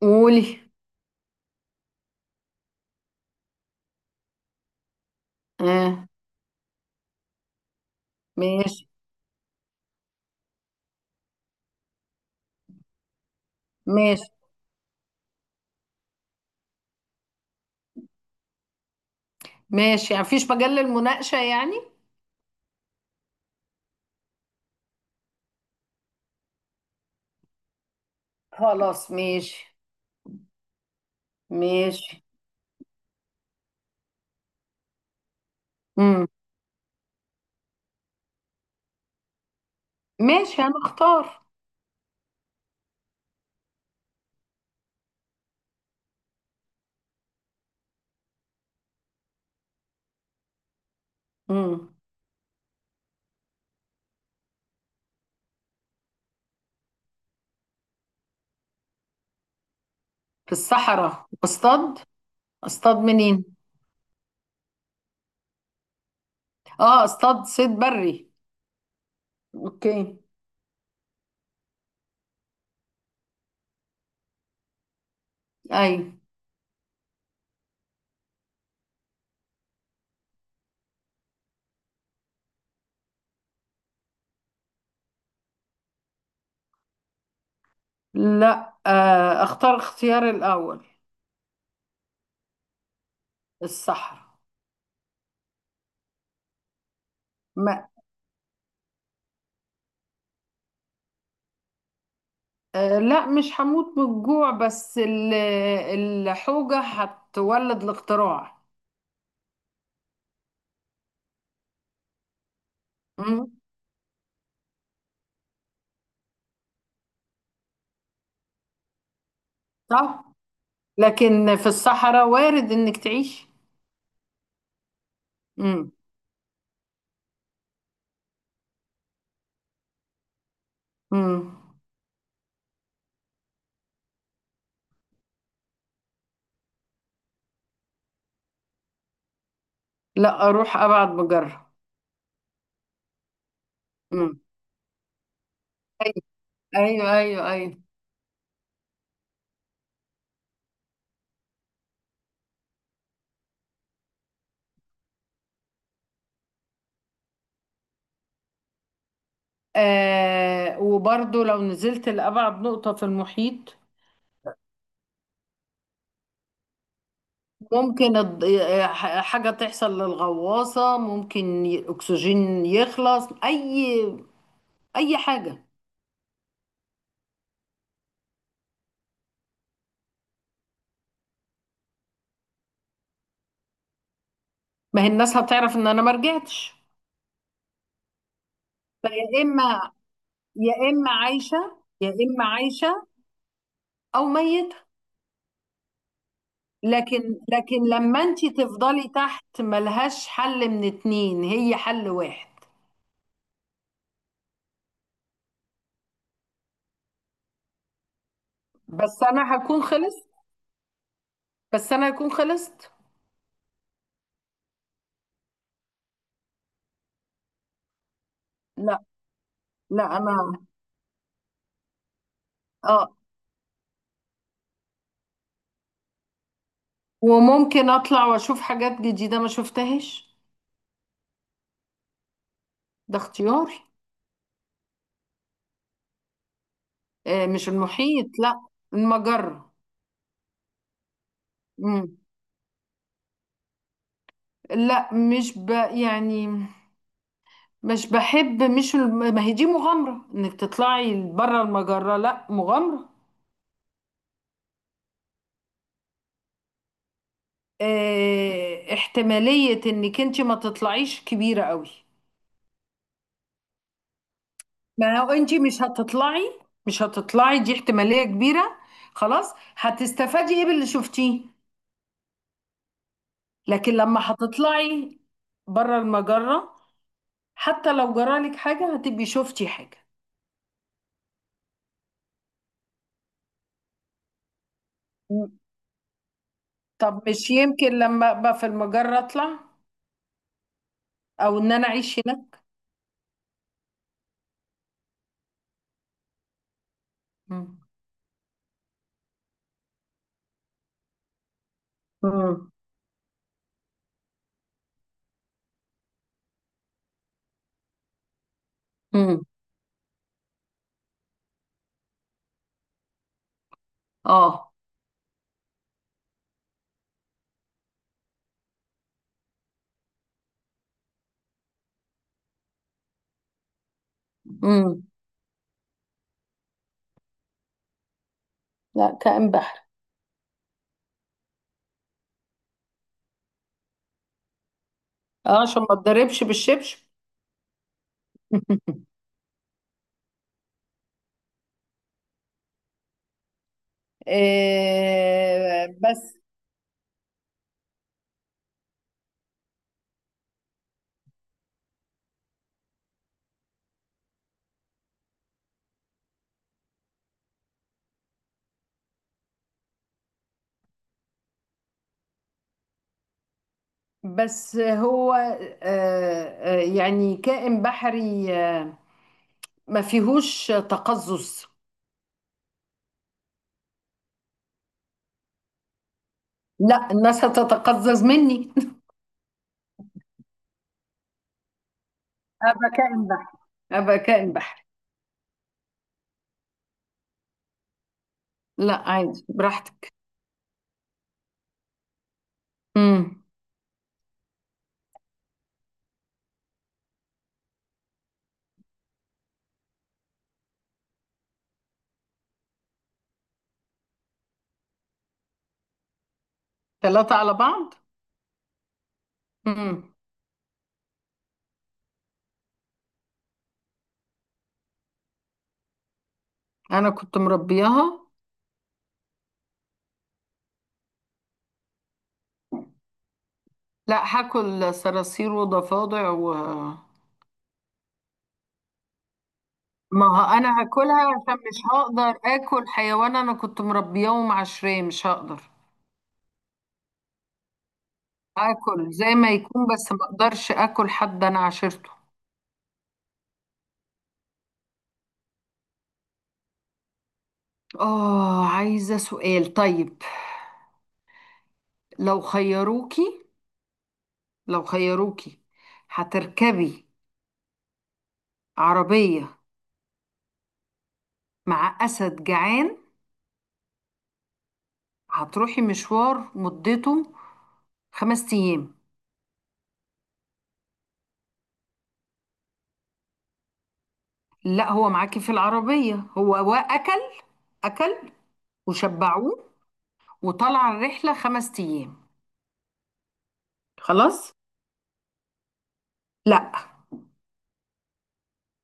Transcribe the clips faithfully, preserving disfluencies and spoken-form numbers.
قولي. اه. ماشي، ماشي، ماشي، يعني مفيش مجال للمناقشة يعني. خلاص ماشي. ماشي. امم. ماشي انا اختار. امم. في الصحراء اصطاد. اصطاد منين؟ اه، اصطاد صيد بري. اوكي. اي. لا، آه، اختار اختيار الاول، الصحراء. ما آه، لا، مش هموت من الجوع، بس ال- الحوجة هتولد الاختراع. امم. صح، لكن في الصحراء وارد انك تعيش. امم. امم. لا، اروح ابعد بجره. امم. ايوه، ايوه، ايوه، أيوه. آه، وبرضو لو نزلت لأبعد نقطة في المحيط. ممكن الض- آه، ح- حاجة تحصل للغواصة، ممكن ي- أكسجين يخلص، أي أي حاجة. ما هي الناس هتعرف إن أنا ما رجعتش. فيا إما يا إما عايشة، يا إما عايشة أو ميتة. لكن لكن لما انت تفضلي تحت ملهاش حل، من اتنين هي حل واحد. بس انا هكون خلصت. بس انا هكون خلصت. لا، لا، انا، اه. وممكن اطلع واشوف حاجات جديدة ما شفتهاش. ده اختياري. آه، مش المحيط، لا، المجرة. مم. لا، مش ب يعني مش بحب، مش الم- ما هي دي مغامرة، انك تطلعي بره المجرة، لا مغامرة. آه، احتمالية انك انت ما تطلعيش كبيرة قوي. ما هو انت مش هتطلعي، مش هتطلعي دي احتمالية كبيرة. خلاص، هتستفادي ايه باللي شفتيه؟ لكن لما هتطلعي بره المجرة، حتى لو جرالك حاجة هتبقي شفتي حاجة. م. طب مش يمكن لما ابقى في المجرة اطلع، او ان انا اعيش هناك. مم. مم. مم. اه. مم. لا، كائن بحر. اه، عشان ما اتضربش بالشبشب. آه، بس بس هو آه، آه، يعني كائن بحري آه، ما فيهوش تقزز. لا، الناس هتتقزز مني. ابقى كائن بحري. ابقى كائن بحري. لا، عادي براحتك. امم. ثلاثة على بعض. امم. انا كنت مربياها. لا، هاكل صراصير وضفادع و... ما هو انا هاكلها عشان مش هقدر اكل حيوان انا كنت مربياه ومعشراه، مش هقدر اكل زي ما يكون، بس ما اقدرش اكل حد انا عاشرته. اه، عايزة سؤال طيب. لو خيروكي لو خيروكي هتركبي عربية مع أسد جعان، هتروحي مشوار مدته خمس أيام. لا، هو معاكي في العربية، هو وأكل. أكل، وشبعوه، وطلع الرحلة خمس أيام. خلاص. لا،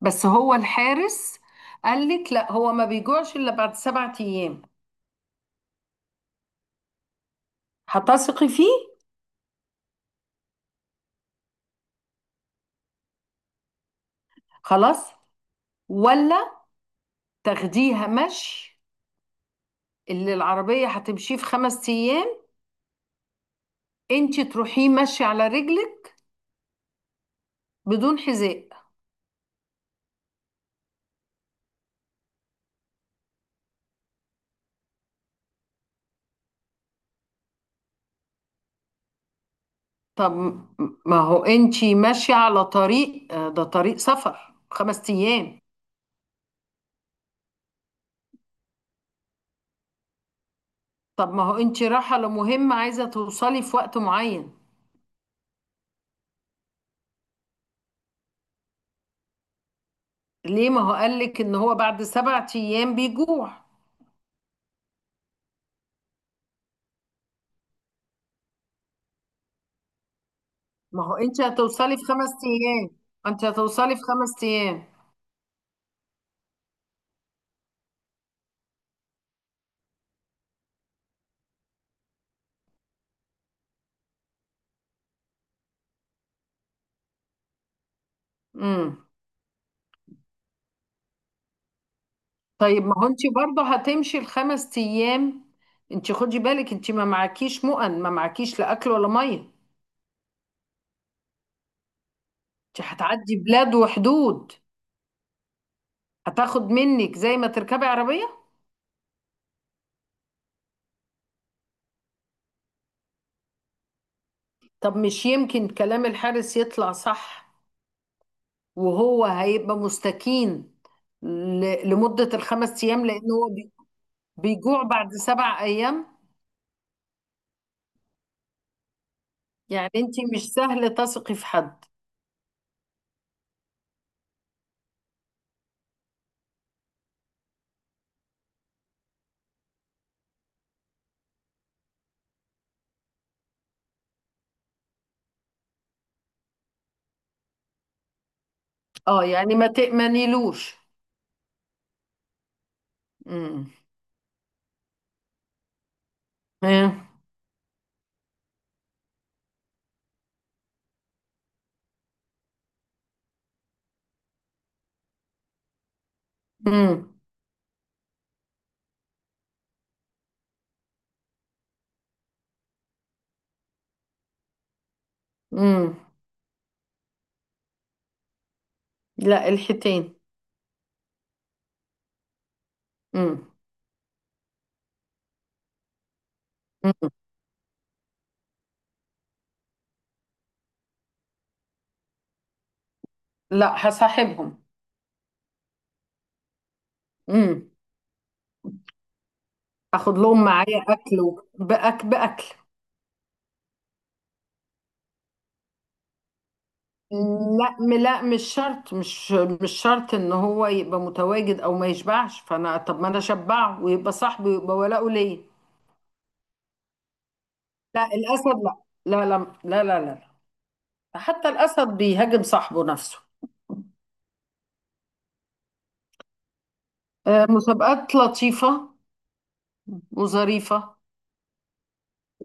بس هو الحارس قال لك لا، هو ما بيجوعش إلا بعد سبعة أيام. هتثقي فيه؟ خلاص. ولا تاخديها مشي؟ اللي العربية هتمشيه في خمس أيام انتي تروحيه مشي على رجلك بدون حذاء. طب م- ما هو انتي ماشية على طريق آه، ده طريق سفر خمس أيام. طب ما هو انتي رايحة لمهمة، عايزة توصلي في وقت معين. ليه، ما هو قالك ان هو بعد سبعة أيام بيجوع. ما هو انتي هتوصلي في خمس أيام. انتي هتوصلي في خمس أيام. مم. طيب، ما هو انت برضه هتمشي الخمس ايام. انت خدي بالك انت ما معكيش مؤن، ما معكيش لا اكل ولا ميه. انت هتعدي بلاد وحدود. هتاخد منك زي ما تركبي عربيه. طب مش يمكن كلام الحارس يطلع صح، وهو هيبقى مستكين ل- لمده الخمس ايام، لان هو بي- بيجوع بعد سبع ايام. يعني انت مش سهل تثقي في حد. اه، يعني ما تأمنيلوش. امم. امم. امم. لا، الحيتين. امم. امم. لا، هصاحبهم. امم. اخد لهم معايا اكل وبأك باكل باكل. لا م- لا، مش شرط مش مش شرط ان هو يبقى متواجد او ما يشبعش، فانا طب ما انا اشبعه ويبقى صاحبي ويبقى ولاؤه ليا. لا، الاسد، لا، لا، لا. لا، لا، لا، لا. حتى الاسد بيهاجم صاحبه نفسه. آه، مسابقات لطيفة وظريفة.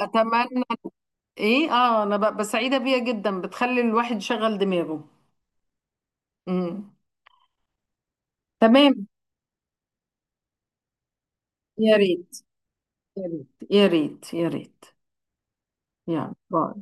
اتمنى. ايه اه، انا ببقى سعيدة بيها جدا، بتخلي الواحد يشغل دماغه. امم. تمام. يا ريت، يا ريت، يا ريت، يا ريت. يلا، باي.